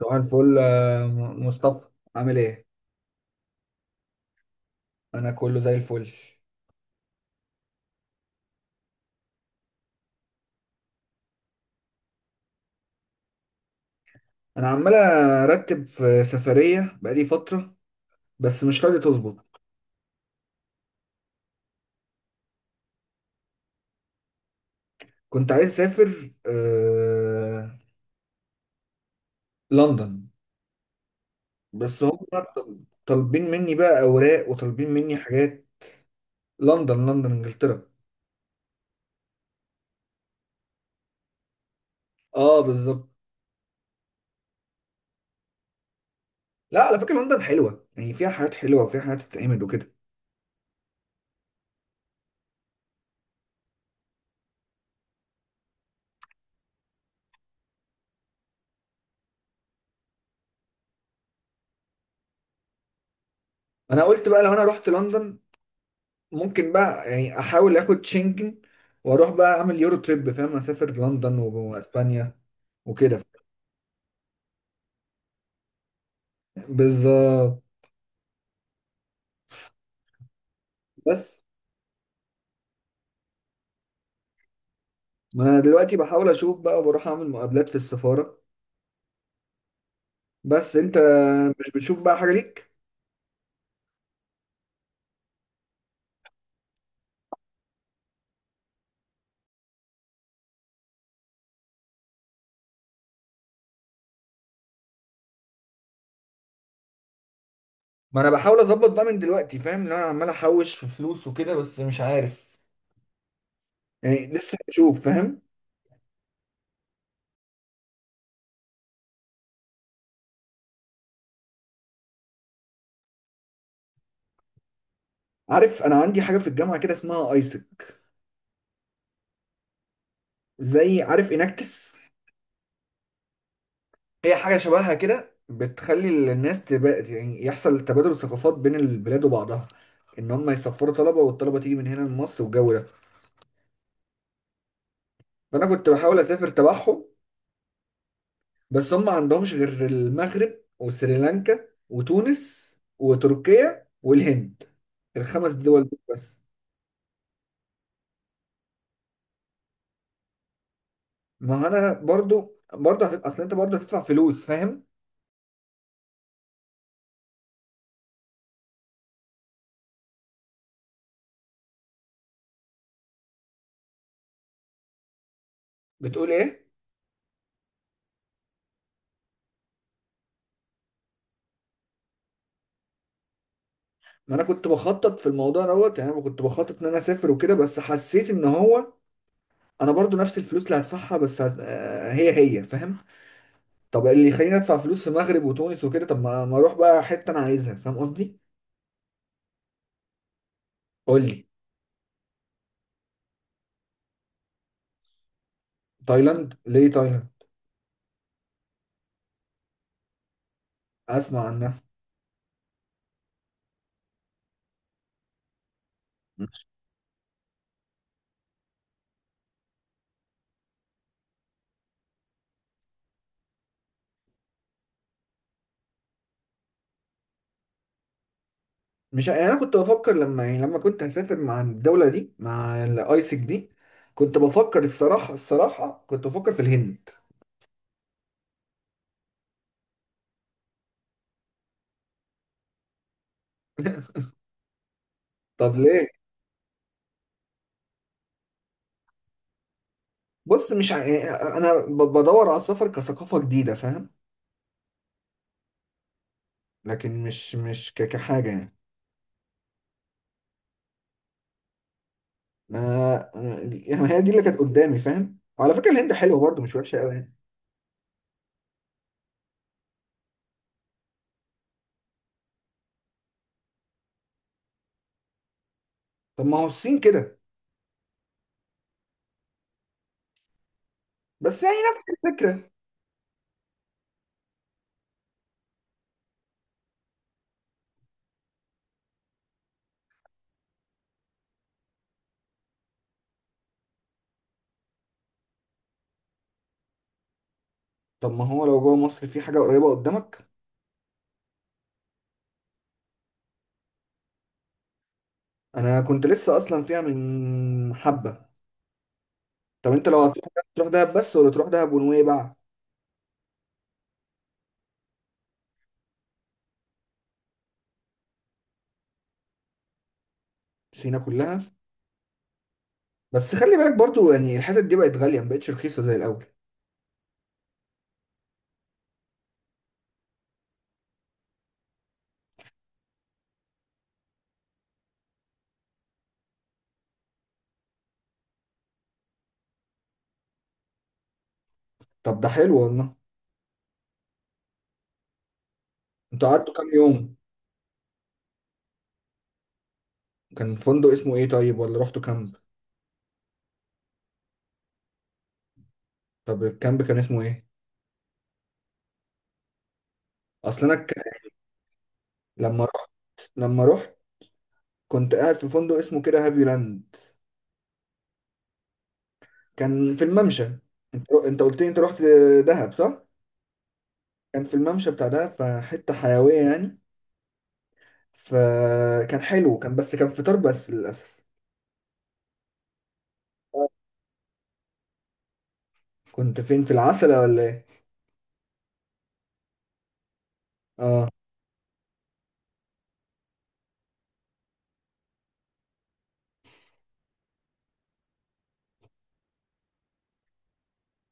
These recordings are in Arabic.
صباح الفل مصطفى، عامل ايه؟ انا كله زي الفل. انا عمال ارتب في سفرية بقالي فترة بس مش راضي تظبط. كنت عايز اسافر لندن، بس هم طل- طالبين مني بقى اوراق وطالبين مني حاجات. لندن، لندن انجلترا. اه بالظبط. لا على فكرة لندن حلوة، يعني فيها حاجات حلوة وفيها حاجات تتعمل وكده. انا قلت بقى لو انا رحت لندن ممكن بقى يعني احاول اخد شنجن واروح بقى اعمل يورو تريب، فاهم؟ اسافر لندن واسبانيا وكده، فاهم؟ بالظبط. بس ما انا دلوقتي بحاول اشوف بقى وبروح اعمل مقابلات في السفارة. بس انت مش بتشوف بقى حاجة ليك؟ ما انا بحاول اظبط بقى من دلوقتي، فاهم ان انا عمال احوش في فلوس وكده بس مش عارف. يعني لسه بشوف، فاهم. عارف انا عندي حاجة في الجامعة كده اسمها ايسك، زي عارف اناكتس. هي حاجة شبهها كده بتخلي الناس يعني يحصل تبادل ثقافات بين البلاد وبعضها، ان هم يسافروا طلبة والطلبة تيجي من هنا لمصر والجو ده. فانا كنت بحاول اسافر تبعهم، بس هم ما عندهمش غير المغرب وسريلانكا وتونس وتركيا والهند، الخمس دول دول بس. ما انا اصل انت برضو هتدفع فلوس، فاهم. بتقول ايه؟ ما انا كنت بخطط في الموضوع دوت، يعني انا كنت بخطط ان انا اسافر وكده بس حسيت ان هو انا برضو نفس الفلوس اللي هدفعها بس هت... آه، هي فاهم. طب اللي يخليني ادفع فلوس في المغرب وتونس وكده، طب ما اروح بقى حته انا عايزها، فاهم قصدي. قول لي. تايلاند ليه تايلاند؟ اسمع عنها. مش يعني انا كنت بفكر لما يعني لما كنت هسافر مع الدوله دي، مع الايسك دي، كنت بفكر الصراحه كنت بفكر في الهند. طب ليه؟ بص مش ع... يعني انا بدور على السفر كثقافه جديده، فاهم. لكن مش مش ك- كحاجه يعني. ما أنا- يعني هي دي اللي كانت قدامي، فاهم، وعلى فكره الهند حلوه برضه، مش وحشه قوي يعني. طب ما هو الصين كده، بس يعني نفس الفكره. طب ما هو لو جوه مصر في حاجه قريبه قدامك. انا كنت لسه اصلا فيها من حبه. طب انت لو هتروح دهب تروح دهب بس ولا تروح دهب ونويبع؟ سينا كلها. بس خلي بالك برضه يعني الحتت دي بقت غاليه، ما بقتش رخيصه زي الاول. طب ده حلو والله. انتوا قعدتوا كام يوم؟ كان فندق اسمه ايه طيب، ولا رحتوا كامب؟ طب الكامب كان اسمه ايه؟ اصل انا ك... لما رحت، لما رحت كنت قاعد في فندق اسمه كده هابي لاند، كان في الممشى. انت، انت قلت لي انت رحت دهب، صح؟ كان في الممشى بتاع دهب، فحته حيويه يعني، فكان حلو، كان بس كان فطار بس للاسف. كنت فين، في العسلة ولا ايه؟ اه.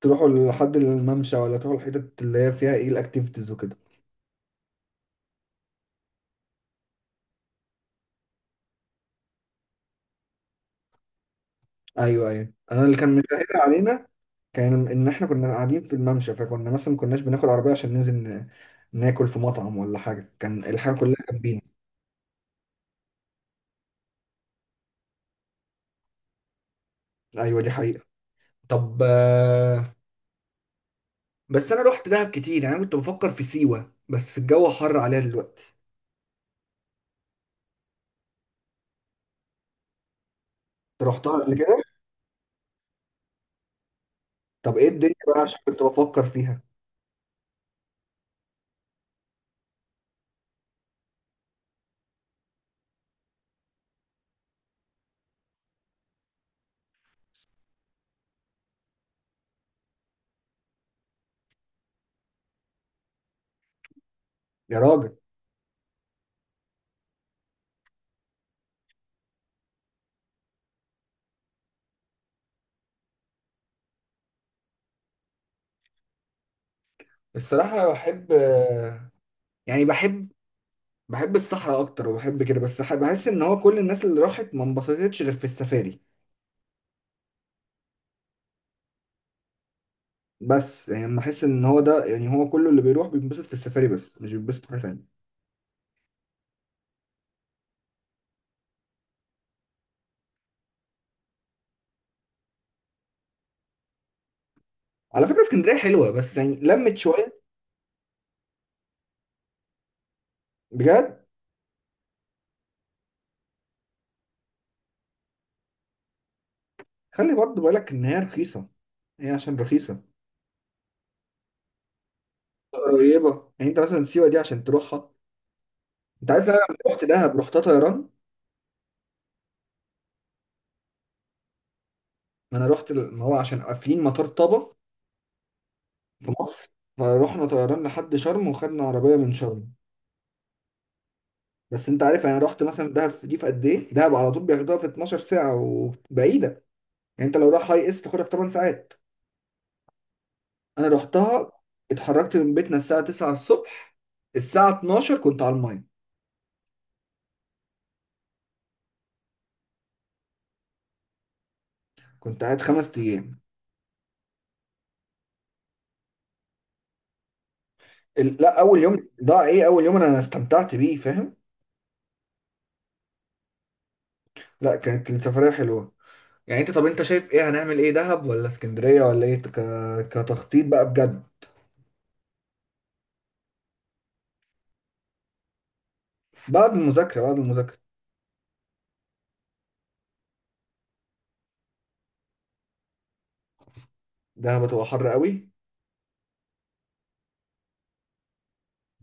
تروحوا لحد الممشى ولا تروحوا الحتت اللي هي فيها ايه الاكتيفيتيز وكده؟ ايوه ايوه. انا اللي كان مسهل علينا كان ان احنا كنا قاعدين في الممشى، فكنا مثلا ما كناش بناخد عربية عشان ناكل في مطعم ولا حاجة، كان الحاجة كلها جنبينا. ايوه دي حقيقة. طب بس انا رحت دهب كتير، يعني انا كنت بفكر في سيوة بس الجو حر عليها دلوقتي. انت رحتها قبل كده؟ طب ايه الدنيا بقى، عشان كنت بفكر فيها. يا راجل. الصراحة انا بحب يعني بحب، بحب الصحراء اكتر وبحب كده، بس بحس ان هو كل الناس اللي راحت ما انبسطتش غير في السفاري. بس يعني لما احس ان هو ده، يعني هو كله اللي بيروح بينبسط في السفاري بس مش بينبسط في حاجة تانية. على فكرة اسكندرية حلوة، بس يعني لمت شوية. بجد. خلي برضه بالك ان هي رخيصة، هي عشان رخيصة. قريبه يعني، انت مثلا سيوه دي عشان تروحها. انت عارف انا لما رحت دهب رحتها طيران. ما انا رحت ال- ما هو عشان قافلين مطار طابا في مصر، فروحنا طيران لحد شرم وخدنا عربيه من شرم. بس انت عارف انا رحت مثلا دهب دي في قد ايه، دهب على طول بياخدوها في 12 ساعه وبعيده، يعني انت لو رايح هاي اس تاخدها في 8 ساعات. انا رحتها، اتحركت من بيتنا الساعه 9 الصبح، الساعه 12 كنت على الميه. كنت قاعد خمس ايام. لا اول يوم ضاع ايه، اول يوم انا استمتعت بيه، فاهم. لا كانت السفريه حلوه. يعني انت، طب انت شايف ايه، هنعمل ايه، دهب ولا اسكندرية ولا ايه كتخطيط بقى، بجد. بعد المذاكرة، بعد المذاكرة. دهب هتبقى حر قوي.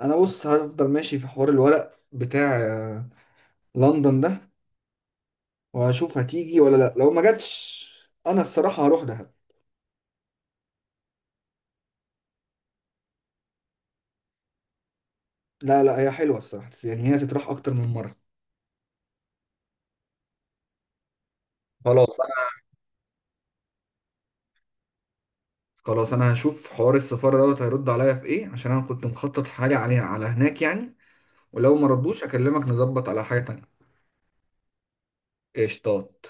انا بص هفضل ماشي في حوار الورق بتاع لندن ده، وهشوف هتيجي ولا لا. لو ما جاتش انا الصراحة هروح دهب. لا لا هي حلوة الصراحة، يعني هي تتراح اكتر من مرة. خلاص انا، خلاص انا هشوف حوار السفارة دوت هيرد عليا في ايه، عشان انا كنت مخطط حاجة عليها على هناك يعني. ولو ما ردوش اكلمك نظبط على حاجة تانية. قشطات